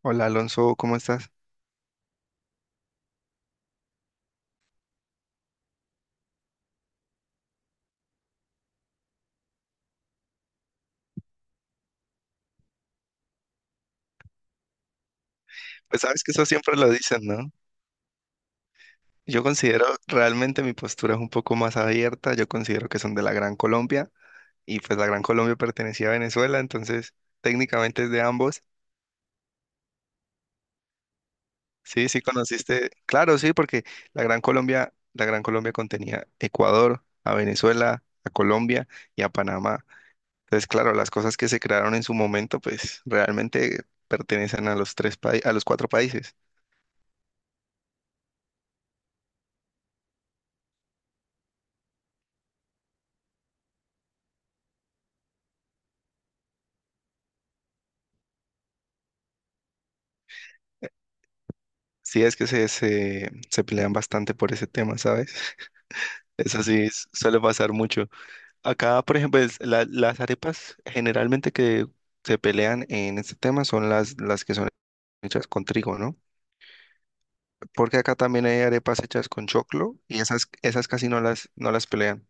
Hola Alonso, ¿cómo estás? Pues sabes que eso siempre lo dicen, ¿no? Yo considero realmente mi postura es un poco más abierta, yo considero que son de la Gran Colombia y pues la Gran Colombia pertenecía a Venezuela, entonces técnicamente es de ambos. Sí, sí conociste, claro, sí, porque la Gran Colombia contenía Ecuador, a Venezuela, a Colombia y a Panamá. Entonces, claro, las cosas que se crearon en su momento pues realmente pertenecen a los tres países, a los cuatro países. Sí, es que se pelean bastante por ese tema, ¿sabes? Eso sí, suele pasar mucho. Acá, por ejemplo, las arepas generalmente que se pelean en este tema son las que son hechas con trigo, ¿no? Porque acá también hay arepas hechas con choclo y esas, esas casi no no las pelean.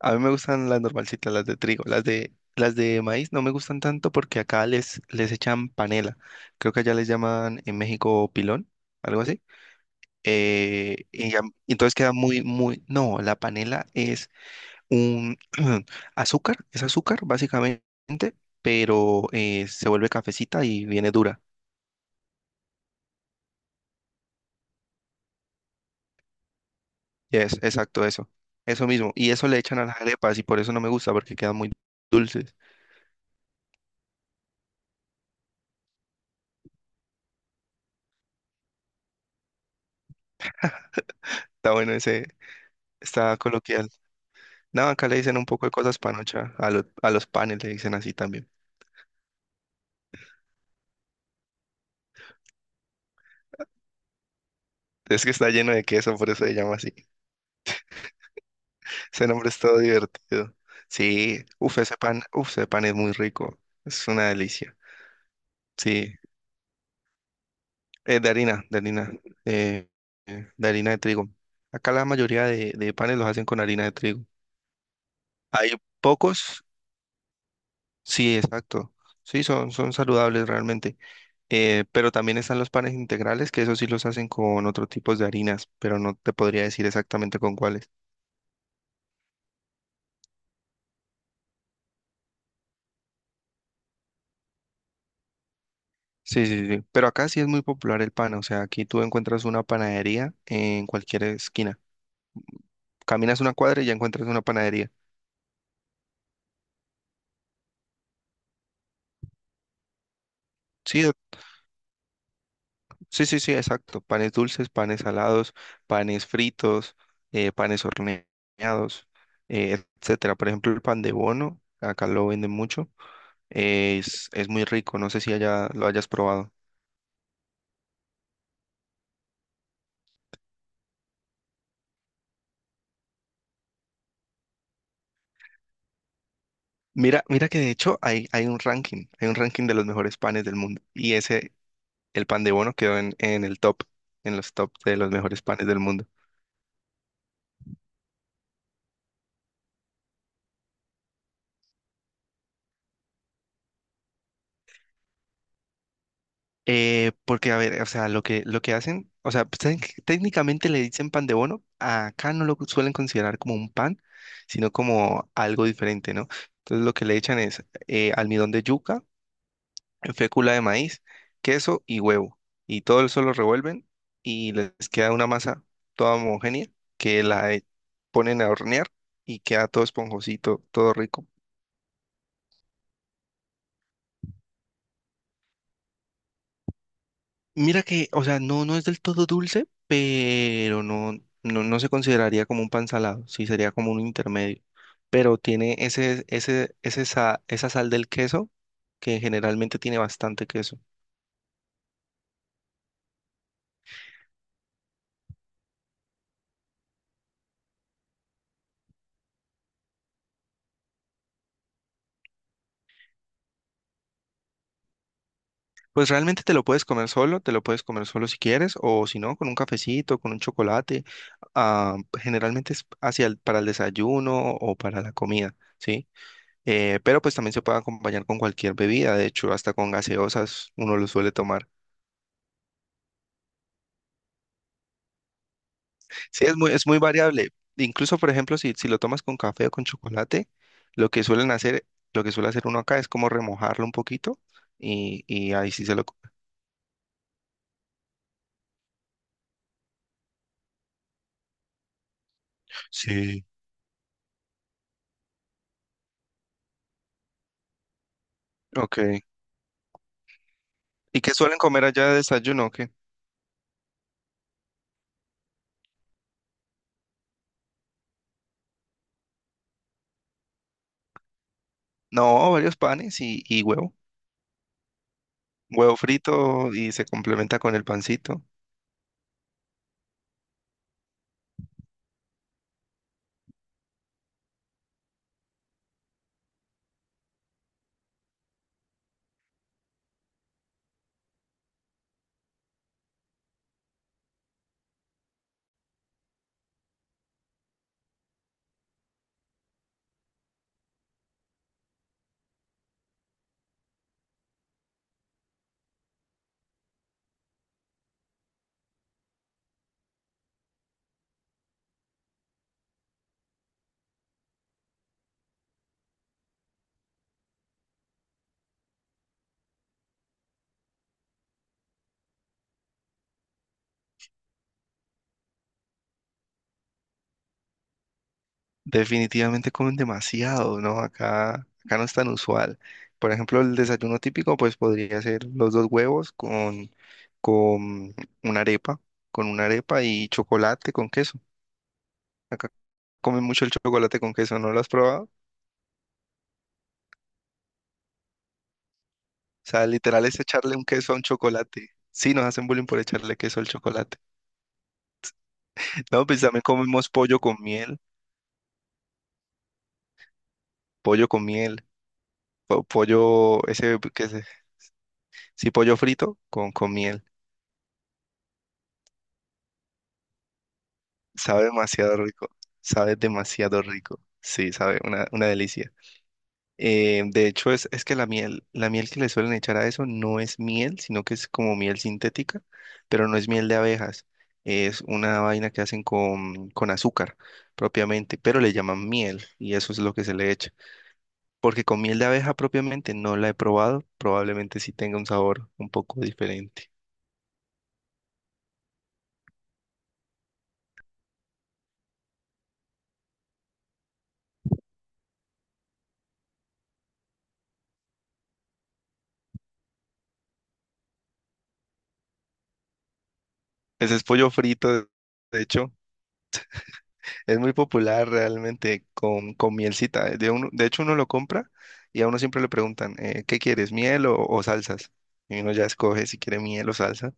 A mí me gustan las normalcitas, las de trigo. Las de maíz no me gustan tanto porque acá les echan panela. Creo que allá les llaman en México pilón, algo así. eh, y, ya- y entonces queda muy, muy, no, la panela es un azúcar, es azúcar básicamente, pero se vuelve cafecita y viene dura. Es exacto eso, eso mismo. Y eso le echan a las arepas y por eso no me gusta porque quedan muy dulces. Está bueno ese, está coloquial. No, acá le dicen un poco de cosas panocha, a los panes le dicen así también. Es que está lleno de queso, por eso se llama así. Ese nombre es todo divertido. Sí, uf, ese pan es muy rico. Es una delicia. Sí, de harina, de harina, eh, de harina de trigo. Acá la mayoría de panes los hacen con harina de trigo. Hay pocos, sí, exacto. Sí, son, son saludables realmente. Pero también están los panes integrales, que esos sí los hacen con otro tipos de harinas, pero no te podría decir exactamente con cuáles. Sí, sí, sí, sí. Pero acá sí es muy popular el pan, o sea, aquí tú encuentras una panadería en cualquier esquina. Caminas una cuadra y ya encuentras una panadería. Sí, doc- sí, sí, sí, exacto. Panes dulces, panes salados, panes fritos, panes horneados, etcétera. Por ejemplo, el pan de bono, acá lo venden mucho. Es muy rico, no sé si allá lo hayas probado. Mira, mira que de hecho hay un ranking de los mejores panes del mundo. Y ese, el pan de bono quedó en el top, en los top de los mejores panes del mundo. Porque, a ver, o sea, lo que hacen, o sea, pues, técnicamente le dicen pan de bono, acá no lo suelen considerar como un pan, sino como algo diferente, ¿no? Entonces lo que le echan es almidón de yuca, fécula de maíz, queso y huevo, y todo eso lo revuelven y les queda una masa toda homogénea que la ponen a hornear y queda todo esponjosito, todo rico. Mira que, o sea, no, no es del todo dulce, pero no, no, no se consideraría como un pan salado, sí sería como un intermedio. Pero tiene ese, ese, esa sal del queso, que generalmente tiene bastante queso. Pues realmente te lo puedes comer solo, te lo puedes comer solo si quieres, o si no, con un cafecito, con un chocolate. ah, Generalmente es para el desayuno o para la comida, ¿sí? Pero pues también se puede acompañar con cualquier bebida, de hecho, hasta con gaseosas uno lo suele tomar. Sí, es muy variable. Incluso, por ejemplo, si lo tomas con café o con chocolate, lo que suelen hacer, lo que suele hacer uno acá es como remojarlo un poquito y ahí sí se lo... co- Sí. Ok. ¿Y qué suelen comer allá de desayuno? O ¿qué? No, varios panes y huevo. Huevo frito y se complementa con el pancito. Definitivamente comen demasiado, ¿no? Acá, acá no es tan usual. Por ejemplo, el desayuno típico, pues podría ser los dos huevos con una arepa, con una arepa y chocolate con queso. Acá comen mucho el chocolate con queso, ¿no lo has probado? O sea, literal es echarle un queso a un chocolate. Sí, nos hacen bullying por echarle queso al chocolate. No, pues también comemos pollo con miel, pollo con miel, pollo, ese, que es, sí, pollo frito con miel. Sabe demasiado rico, sabe demasiado rico. Sí, sabe, una delicia. De hecho, es que la miel que le suelen echar a eso no es miel, sino que es como miel sintética, pero no es miel de abejas. Es una vaina que hacen con azúcar propiamente, pero le llaman miel y eso es lo que se le echa. Porque con miel de abeja propiamente no la he probado, probablemente sí tenga un sabor un poco diferente. Ese es pollo frito, de hecho. Es muy popular realmente con mielcita. De hecho, uno lo compra y a uno siempre le preguntan, ¿qué quieres, miel o salsas? Y uno ya escoge si quiere miel o salsa.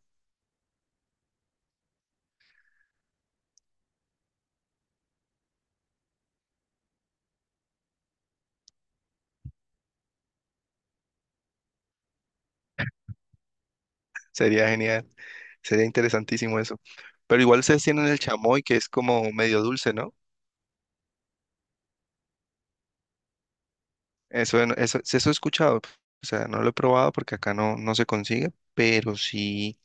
Sería genial, sería interesantísimo eso. Pero igual ustedes tienen el chamoy, que es como medio dulce, ¿no? Eso, eso he escuchado. O sea, no lo he probado porque acá no, no se consigue, pero sí,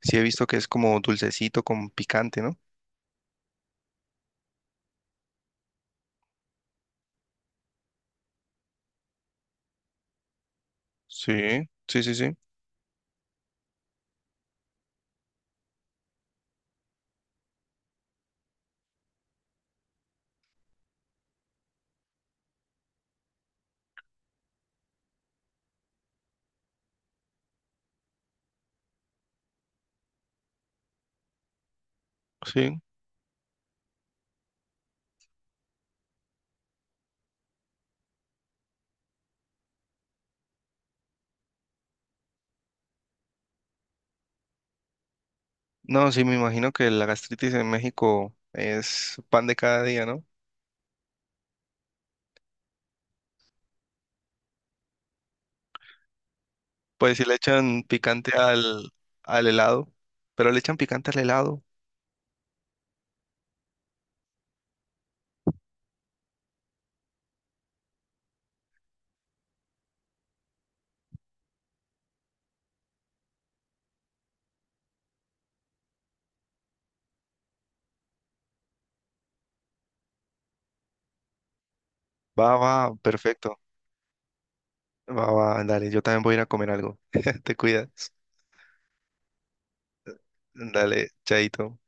sí he visto que es como dulcecito con picante, ¿no? Sí, sí, sí, sí, sí. No, sí, me imagino que la gastritis en México es pan de cada día, ¿no? Pues si le echan picante al helado, pero le echan picante al helado. Va, va, perfecto. Va, va, dale, yo también voy a ir a comer algo. Te cuidas. Dale, chaito.